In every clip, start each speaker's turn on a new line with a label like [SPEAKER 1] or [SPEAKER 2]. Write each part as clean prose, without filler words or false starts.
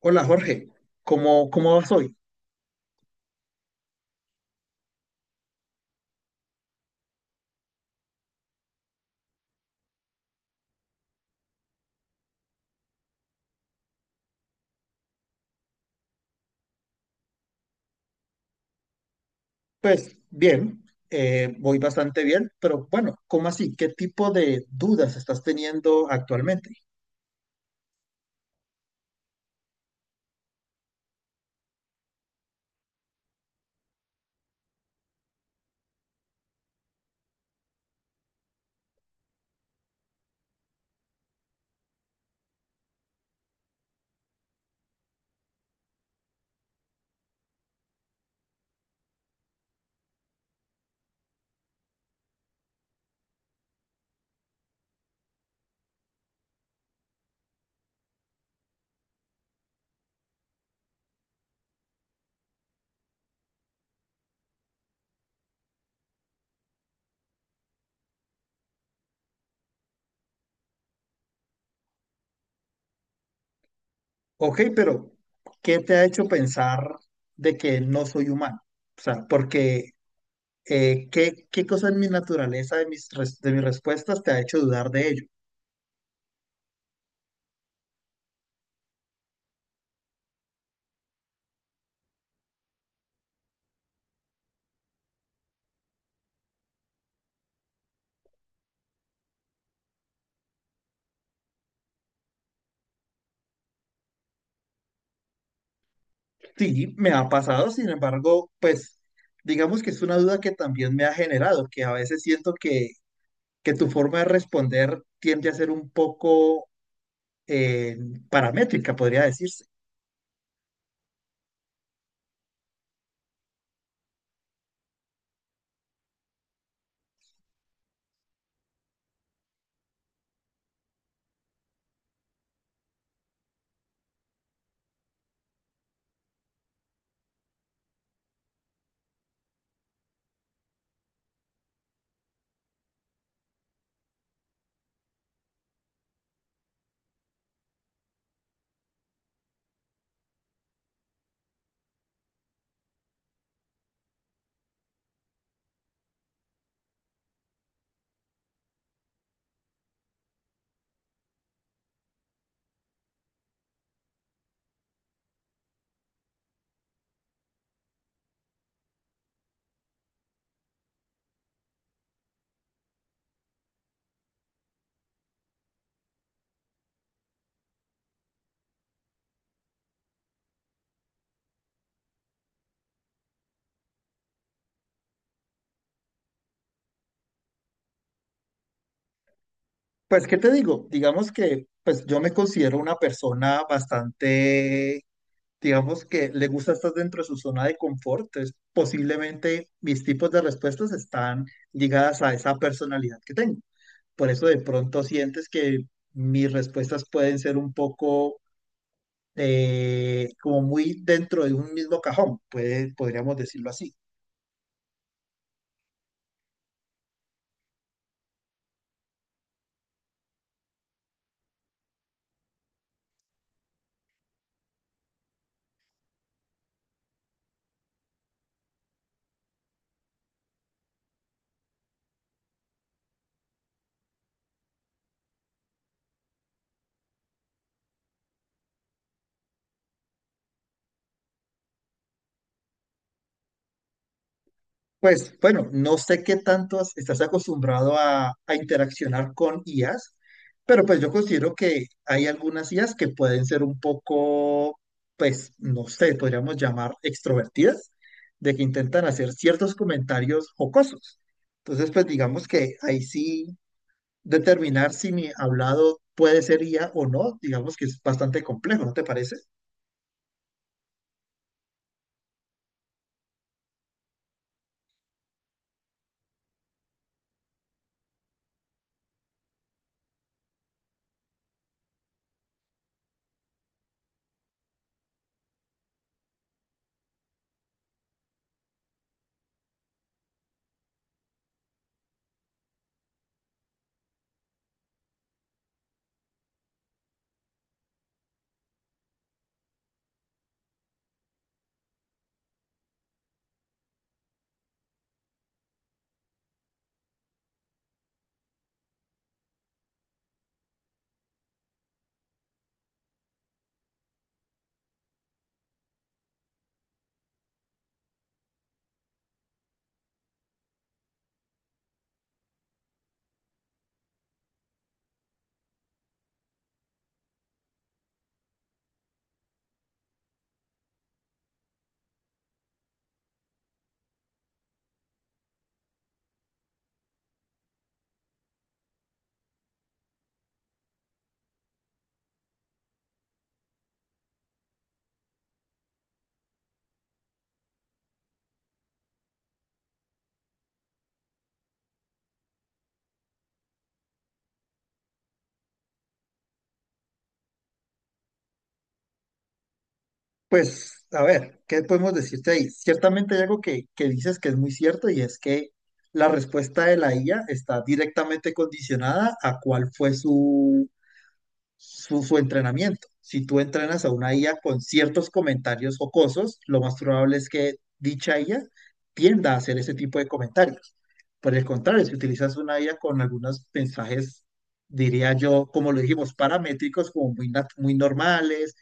[SPEAKER 1] Hola Jorge, ¿Cómo vas hoy? Pues bien, voy bastante bien, pero bueno, ¿cómo así? ¿Qué tipo de dudas estás teniendo actualmente? Ok, pero ¿qué te ha hecho pensar de que no soy humano? O sea, porque ¿qué, qué cosa en mi naturaleza, de de mis respuestas, te ha hecho dudar de ello? Sí, me ha pasado, sin embargo, pues digamos que es una duda que también me ha generado, que a veces siento que tu forma de responder tiende a ser un poco eh, paramétrica, podría decirse. Pues, ¿qué te digo? Digamos que pues yo me considero una persona bastante, digamos que le gusta estar dentro de su zona de confort. Entonces, posiblemente mis tipos de respuestas están ligadas a esa personalidad que tengo. Por eso de pronto sientes que mis respuestas pueden ser un poco como muy dentro de un mismo cajón, podríamos decirlo así. Pues bueno, no sé qué tanto estás acostumbrado a interaccionar con IAs, pero pues yo considero que hay algunas IAs que pueden ser un poco, pues no sé, podríamos llamar extrovertidas, de que intentan hacer ciertos comentarios jocosos. Entonces, pues digamos que ahí sí determinar si mi hablado puede ser IA o no, digamos que es bastante complejo, ¿no te parece? Pues, a ver, ¿qué podemos decirte ahí? Ciertamente hay algo que dices que es muy cierto y es que la respuesta de la IA está directamente condicionada a cuál fue su entrenamiento. Si tú entrenas a una IA con ciertos comentarios jocosos, lo más probable es que dicha IA tienda a hacer ese tipo de comentarios. Por el contrario, si utilizas una IA con algunos mensajes, diría yo, como lo dijimos, paramétricos, como muy normales,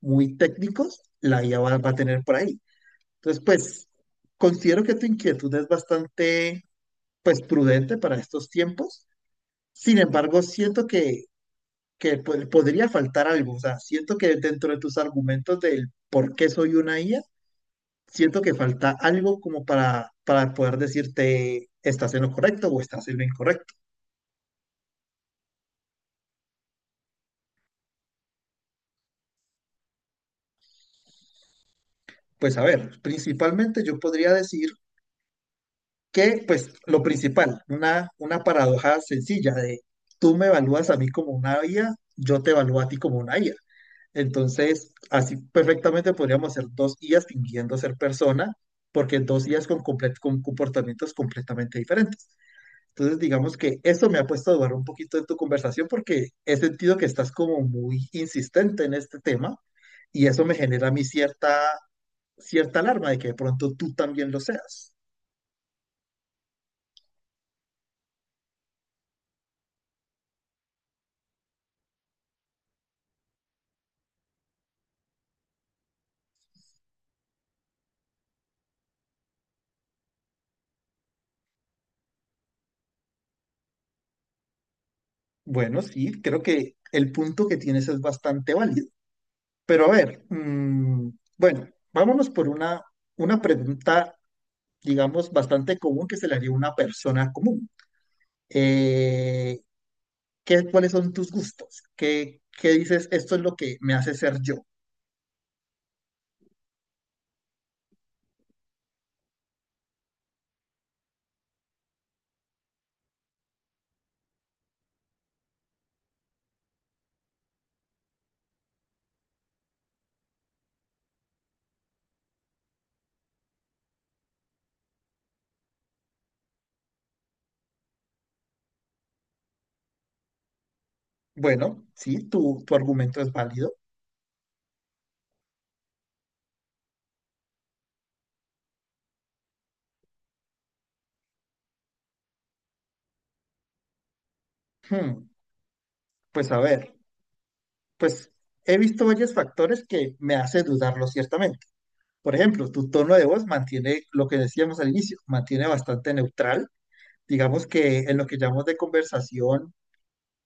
[SPEAKER 1] muy técnicos, la IA va a tener por ahí. Entonces, pues, considero que tu inquietud es bastante, pues, prudente para estos tiempos. Sin embargo, siento que podría faltar algo. O sea, siento que dentro de tus argumentos del por qué soy una IA, siento que falta algo como para poder decirte estás en lo correcto o estás en lo incorrecto. Pues a ver, principalmente yo podría decir que, pues lo principal, una paradoja sencilla de tú me evalúas a mí como una IA, yo te evalúo a ti como una IA. Entonces, así perfectamente podríamos ser dos IAs fingiendo ser persona, porque dos IAs con comportamientos completamente diferentes. Entonces, digamos que eso me ha puesto a dudar un poquito de tu conversación porque he sentido que estás como muy insistente en este tema y eso me genera a mí cierta alarma de que de pronto tú también lo seas. Bueno, sí, creo que el punto que tienes es bastante válido. Pero a ver, bueno, vámonos por una pregunta, digamos, bastante común que se le haría a una persona común. Eh, ¿Qué, cuáles son tus gustos? ¿Qué, qué dices? Esto es lo que me hace ser yo. Bueno, sí, tu argumento es válido. Hmm, pues a ver, pues he visto varios factores que me hace dudarlo ciertamente. Por ejemplo, tu tono de voz mantiene lo que decíamos al inicio, mantiene bastante neutral. Digamos que en lo que llamamos de conversación,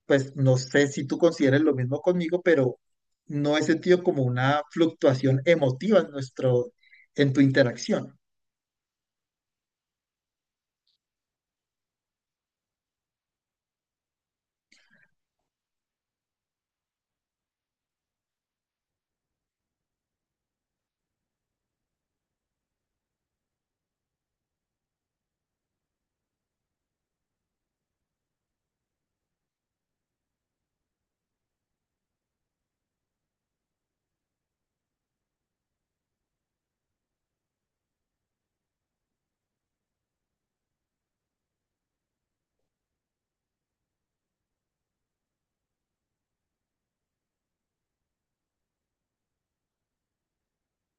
[SPEAKER 1] pues no sé si tú consideres lo mismo conmigo, pero no he sentido como una fluctuación emotiva en nuestro, en tu interacción.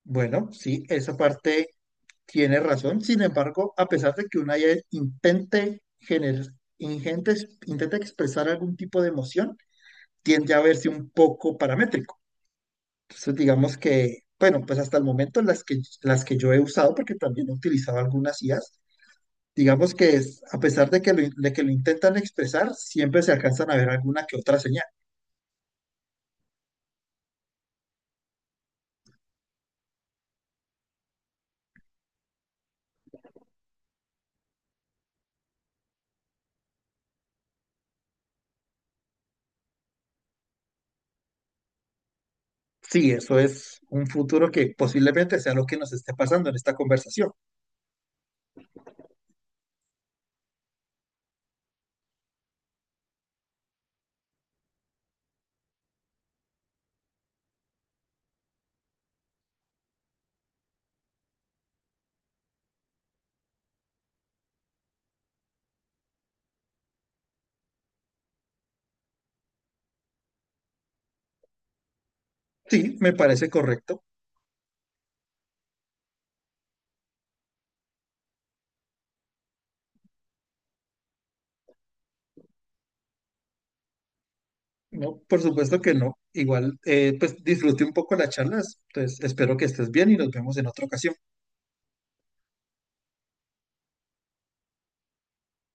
[SPEAKER 1] Bueno, sí, esa parte tiene razón. Sin embargo, a pesar de que una ya intente generar, intente, intente expresar algún tipo de emoción, tiende a verse un poco paramétrica. Entonces, digamos que, bueno, pues hasta el momento las que yo he usado, porque también he utilizado algunas IAs, digamos que es, a pesar de que de que lo intentan expresar, siempre se alcanzan a ver alguna que otra señal. Sí, eso es un futuro que posiblemente sea lo que nos esté pasando en esta conversación. Sí, me parece correcto. No, por supuesto que no. Igual, pues disfruté un poco las charlas, entonces espero que estés bien y nos vemos en otra ocasión.